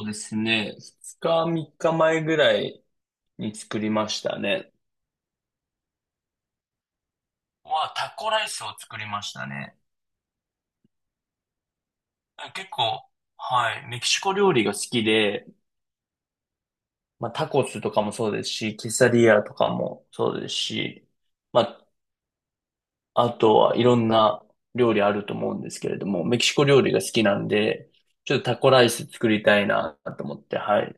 そうですね。2日、3日前ぐらいに作りましたね。は、タコライスを作りましたね。結構、はい、メキシコ料理が好きで、まあ、タコスとかもそうですし、ケサディアとかもそうですし、まあ、あとはいろんな料理あると思うんですけれども、メキシコ料理が好きなんで、ちょっとタコライス作りたいなと思って、はい。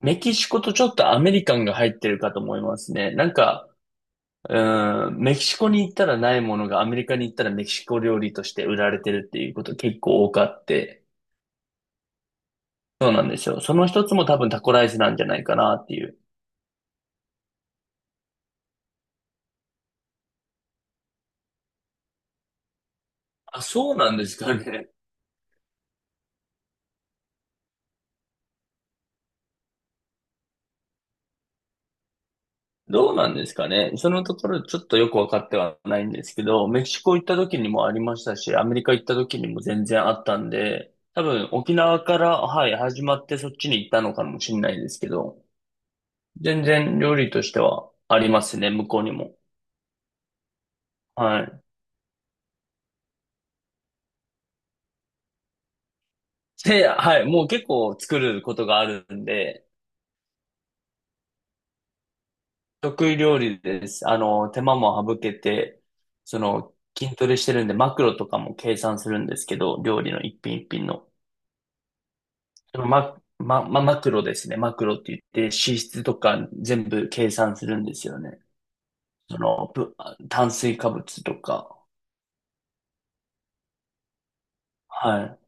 メキシコとちょっとアメリカンが入ってるかと思いますね。なんか、うん、メキシコに行ったらないものがアメリカに行ったらメキシコ料理として売られてるっていうこと結構多くあって、そうなんですよ。その一つも多分タコライスなんじゃないかなっていう。あ、そうなんですかね。どうなんですかね。そのところちょっとよくわかってはないんですけど、メキシコ行った時にもありましたし、アメリカ行った時にも全然あったんで、多分沖縄から、はい、始まってそっちに行ったのかもしれないですけど、全然料理としてはありますね、向こうにも。はい。で、はい、もう結構作ることがあるんで、得意料理です。あの、手間も省けて、その、筋トレしてるんで、マクロとかも計算するんですけど、料理の一品一品の。そのマ、ま、ま、マクロですね。マクロって言って、脂質とか全部計算するんですよね。その、ぶ炭水化物とか。はい。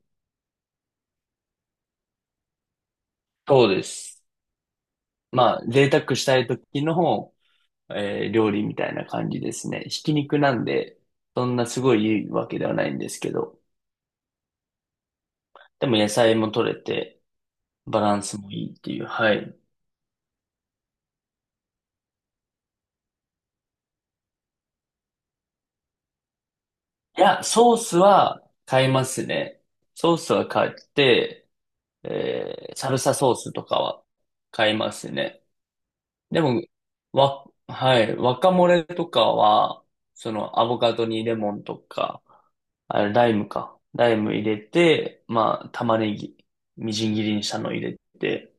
そうです。まあ、贅沢したい時の料理みたいな感じですね。ひき肉なんで、そんなすごいいいわけではないんですけど、でも野菜も取れて、バランスもいいっていう、はい。いや、ソースは買いますね。ソースは買って、サルサソースとかは買いますね。でも、はい、ワカモレとかは、そのアボカドにレモンとか、あれ、ライムか。ライム入れて、まあ、玉ねぎ、みじん切りにしたの入れて、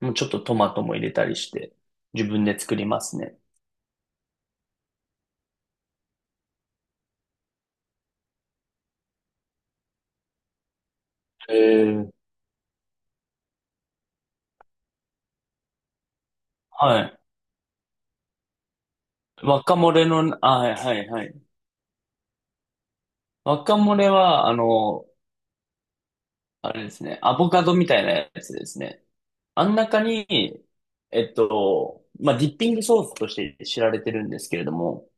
もうちょっとトマトも入れたりして、自分で作りますね。えー、はい。若漏れの、あ、はい、はい、はい。若漏れは、あの、あれですね、アボカドみたいなやつですね。あん中に、まあ、ディッピングソースとして知られてるんですけれども、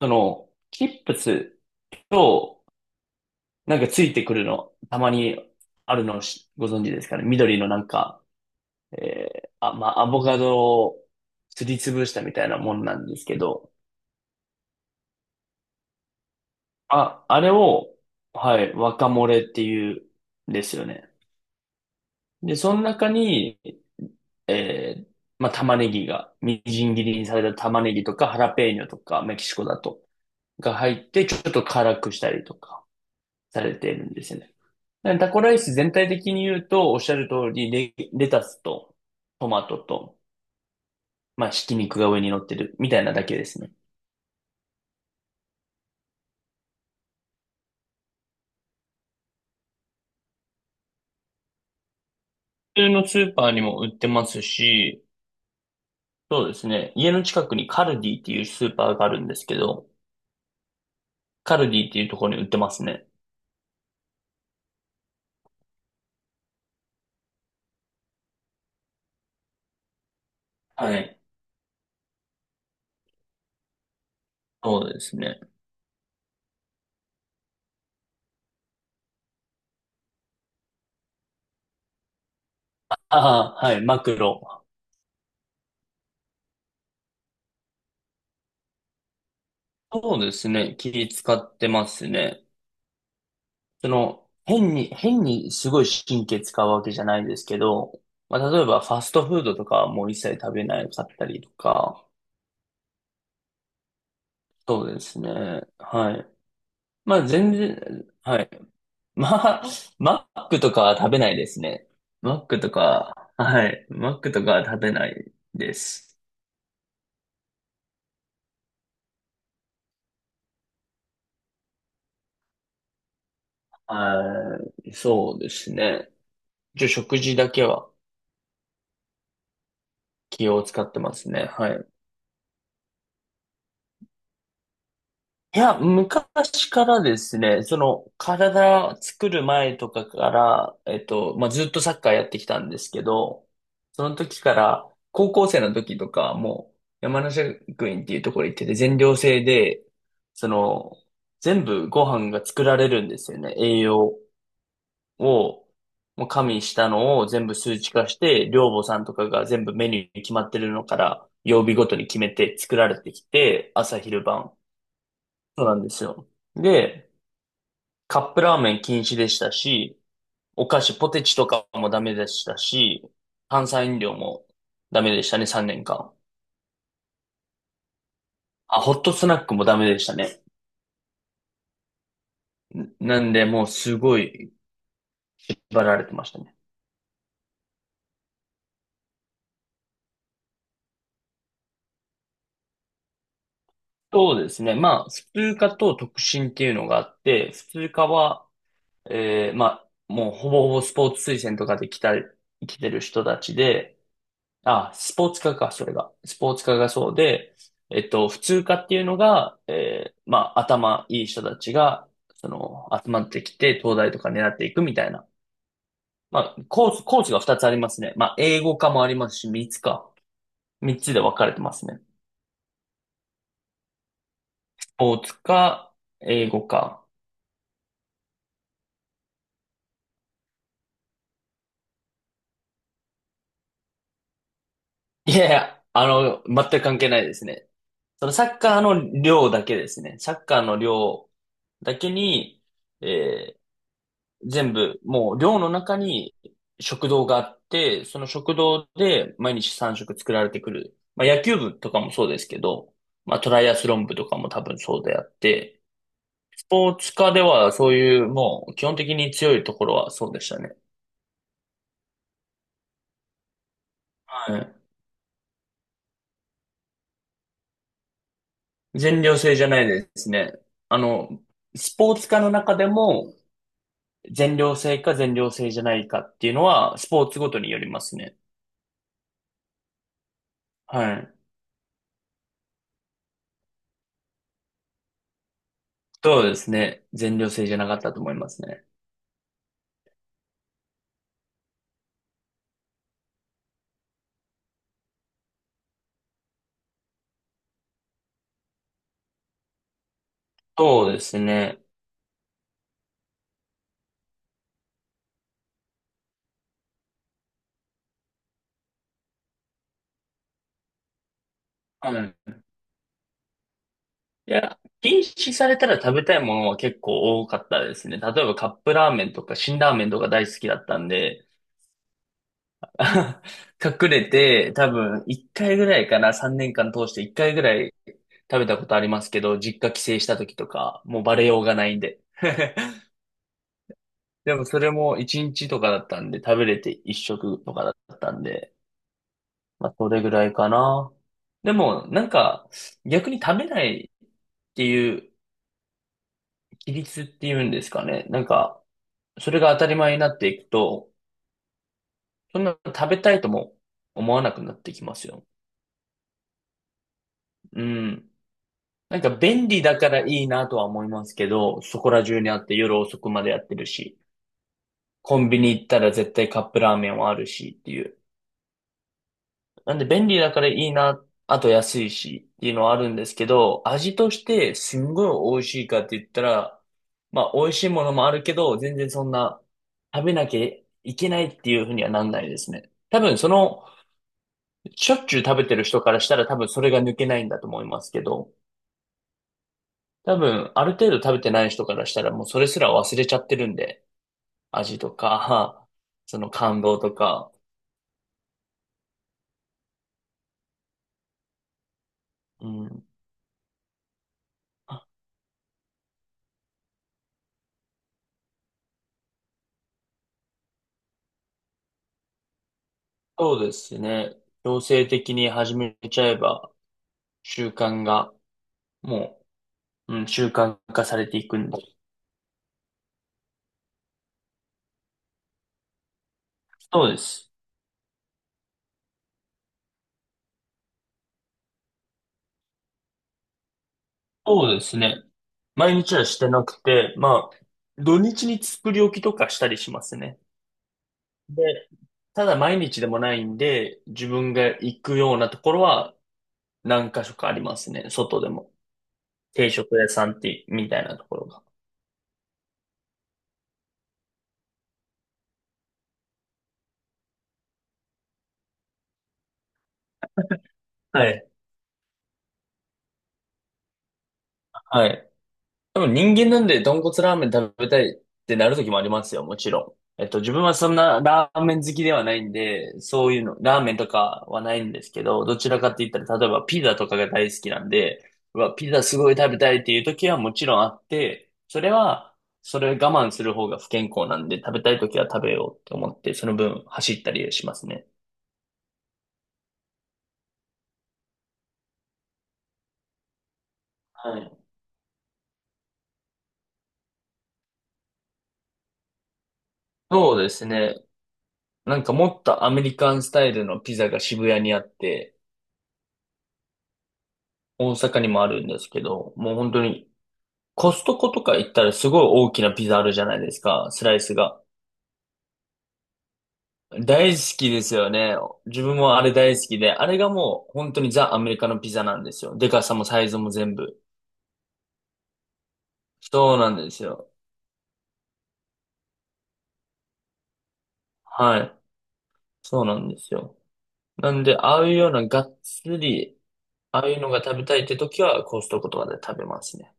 その、チップスと、なんかついてくるの、たまにあるのしご存知ですかね。緑のなんか、えまあ、アボカドをすりつぶしたみたいなもんなんですけど、あれを、はい、若漏れっていうんですよね。で、その中に、えー、まあ、玉ねぎが、みじん切りにされた玉ねぎとか、ハラペーニョとか、メキシコだと、が入って、ちょっと辛くしたりとか、されているんですよね。でタコライス全体的に言うと、おっしゃる通り、レタスと、トマトと、まあ、ひき肉が上に乗ってる、みたいなだけですね。普通のスーパーにも売ってますし、そうですね。家の近くにカルディっていうスーパーがあるんですけど、カルディっていうところに売ってますね。ははい。い。そうですね。ああ、はい、マクロ。そうですね。気使ってますね。その、変にすごい神経使うわけじゃないですけど、まあ、例えばファストフードとかはもう一切食べなかったりとか、そうですね。はい。まあ、全然、はい。まあ、マックとかは食べないですね。マックとか、はい。マックとかは食べないです。はい。そうですね。一応食事だけは気を使ってますね。はい。いや、昔からですね、その、体作る前とかから、まあ、ずっとサッカーやってきたんですけど、その時から、高校生の時とか、もう、山梨学院っていうところ行ってて、全寮制で、その、全部ご飯が作られるんですよね、栄養。を、もう加味したのを全部数値化して、寮母さんとかが全部メニューに決まってるのから、曜日ごとに決めて作られてきて、朝昼晩。そうなんですよ。で、カップラーメン禁止でしたし、お菓子、ポテチとかもダメでしたし、炭酸飲料もダメでしたね、3年間。あ、ホットスナックもダメでしたね。んなんで、もうすごい、縛られてましたね。そうですね。まあ、普通科と特進っていうのがあって、普通科は、まあ、もうほぼほぼスポーツ推薦とかで来た、来てる人たちで、あ、スポーツ科か、それが。スポーツ科がそうで、普通科っていうのが、まあ、頭いい人たちが、その、集まってきて、東大とか狙っていくみたいな。まあ、コースが2つありますね。まあ、英語科もありますし、3つか。3つで分かれてますね。スポーツ科、英語科。いやいや、あの、全く関係ないですね。そのサッカーの量だけですね。サッカーの量だけに、えー全部、もう寮の中に食堂があって、その食堂で毎日3食作られてくる。まあ野球部とかもそうですけど、まあトライアスロン部とかも多分そうであって、スポーツ科ではそういうもう基本的に強いところはそうでしたね。はい。全寮制じゃないですね。あの、スポーツ科の中でも全寮制か全寮制じゃないかっていうのは、スポーツごとによりますね。はい。そうですね。全寮制じゃなかったと思いますね。そうですね。はい。いや、禁止されたら食べたいものは結構多かったですね。例えばカップラーメンとか辛ラーメンとか大好きだったんで、隠れて多分1回ぐらいかな、3年間通して1回ぐらい食べたことありますけど、実家帰省した時とか、もうバレようがないんで。でもそれも1日とかだったんで、食べれて1食とかだったんで、まあそれぐらいかな。でもなんか逆に食べないっていう規律っていうんですかね。なんかそれが当たり前になっていくと、そんな食べたいとも思わなくなってきますよ。うん。なんか便利だからいいなとは思いますけど、そこら中にあって夜遅くまでやってるし、コンビニ行ったら絶対カップラーメンはあるしっていう。なんで便利だからいいな、あと安いしっていうのはあるんですけど、味としてすんごい美味しいかって言ったら、まあ美味しいものもあるけど、全然そんな食べなきゃいけないっていうふうにはなんないですね。多分その、しょっちゅう食べてる人からしたら多分それが抜けないんだと思いますけど、多分ある程度食べてない人からしたらもうそれすら忘れちゃってるんで、味とか、その感動とか、うん。そうですね。強制的に始めちゃえば、習慣が、もう、うん、習慣化されていくんで。そうです。そうですね。毎日はしてなくて、まあ、土日に作り置きとかしたりしますね。で、ただ毎日でもないんで、自分が行くようなところは何箇所かありますね。外でも。定食屋さんって、みたいなところが。はい。はい。多分人間なんで豚骨ラーメン食べたいってなる時もありますよ、もちろん。えっと、自分はそんなラーメン好きではないんで、そういうの、ラーメンとかはないんですけど、どちらかって言ったら、例えばピザとかが大好きなんで、うわ、ピザすごい食べたいっていう時はもちろんあって、それは、それ我慢する方が不健康なんで、食べたい時は食べようって思って、その分走ったりしますね。はい。そうですね。なんかもっとアメリカンスタイルのピザが渋谷にあって、大阪にもあるんですけど、もう本当に、コストコとか行ったらすごい大きなピザあるじゃないですか、スライスが。大好きですよね。自分もあれ大好きで、あれがもう本当にザ・アメリカのピザなんですよ。でかさもサイズも全部。そうなんですよ。はい。そうなんですよ。なんで、ああいうようながっつり、ああいうのが食べたいって時は、コストコとかで食べますね。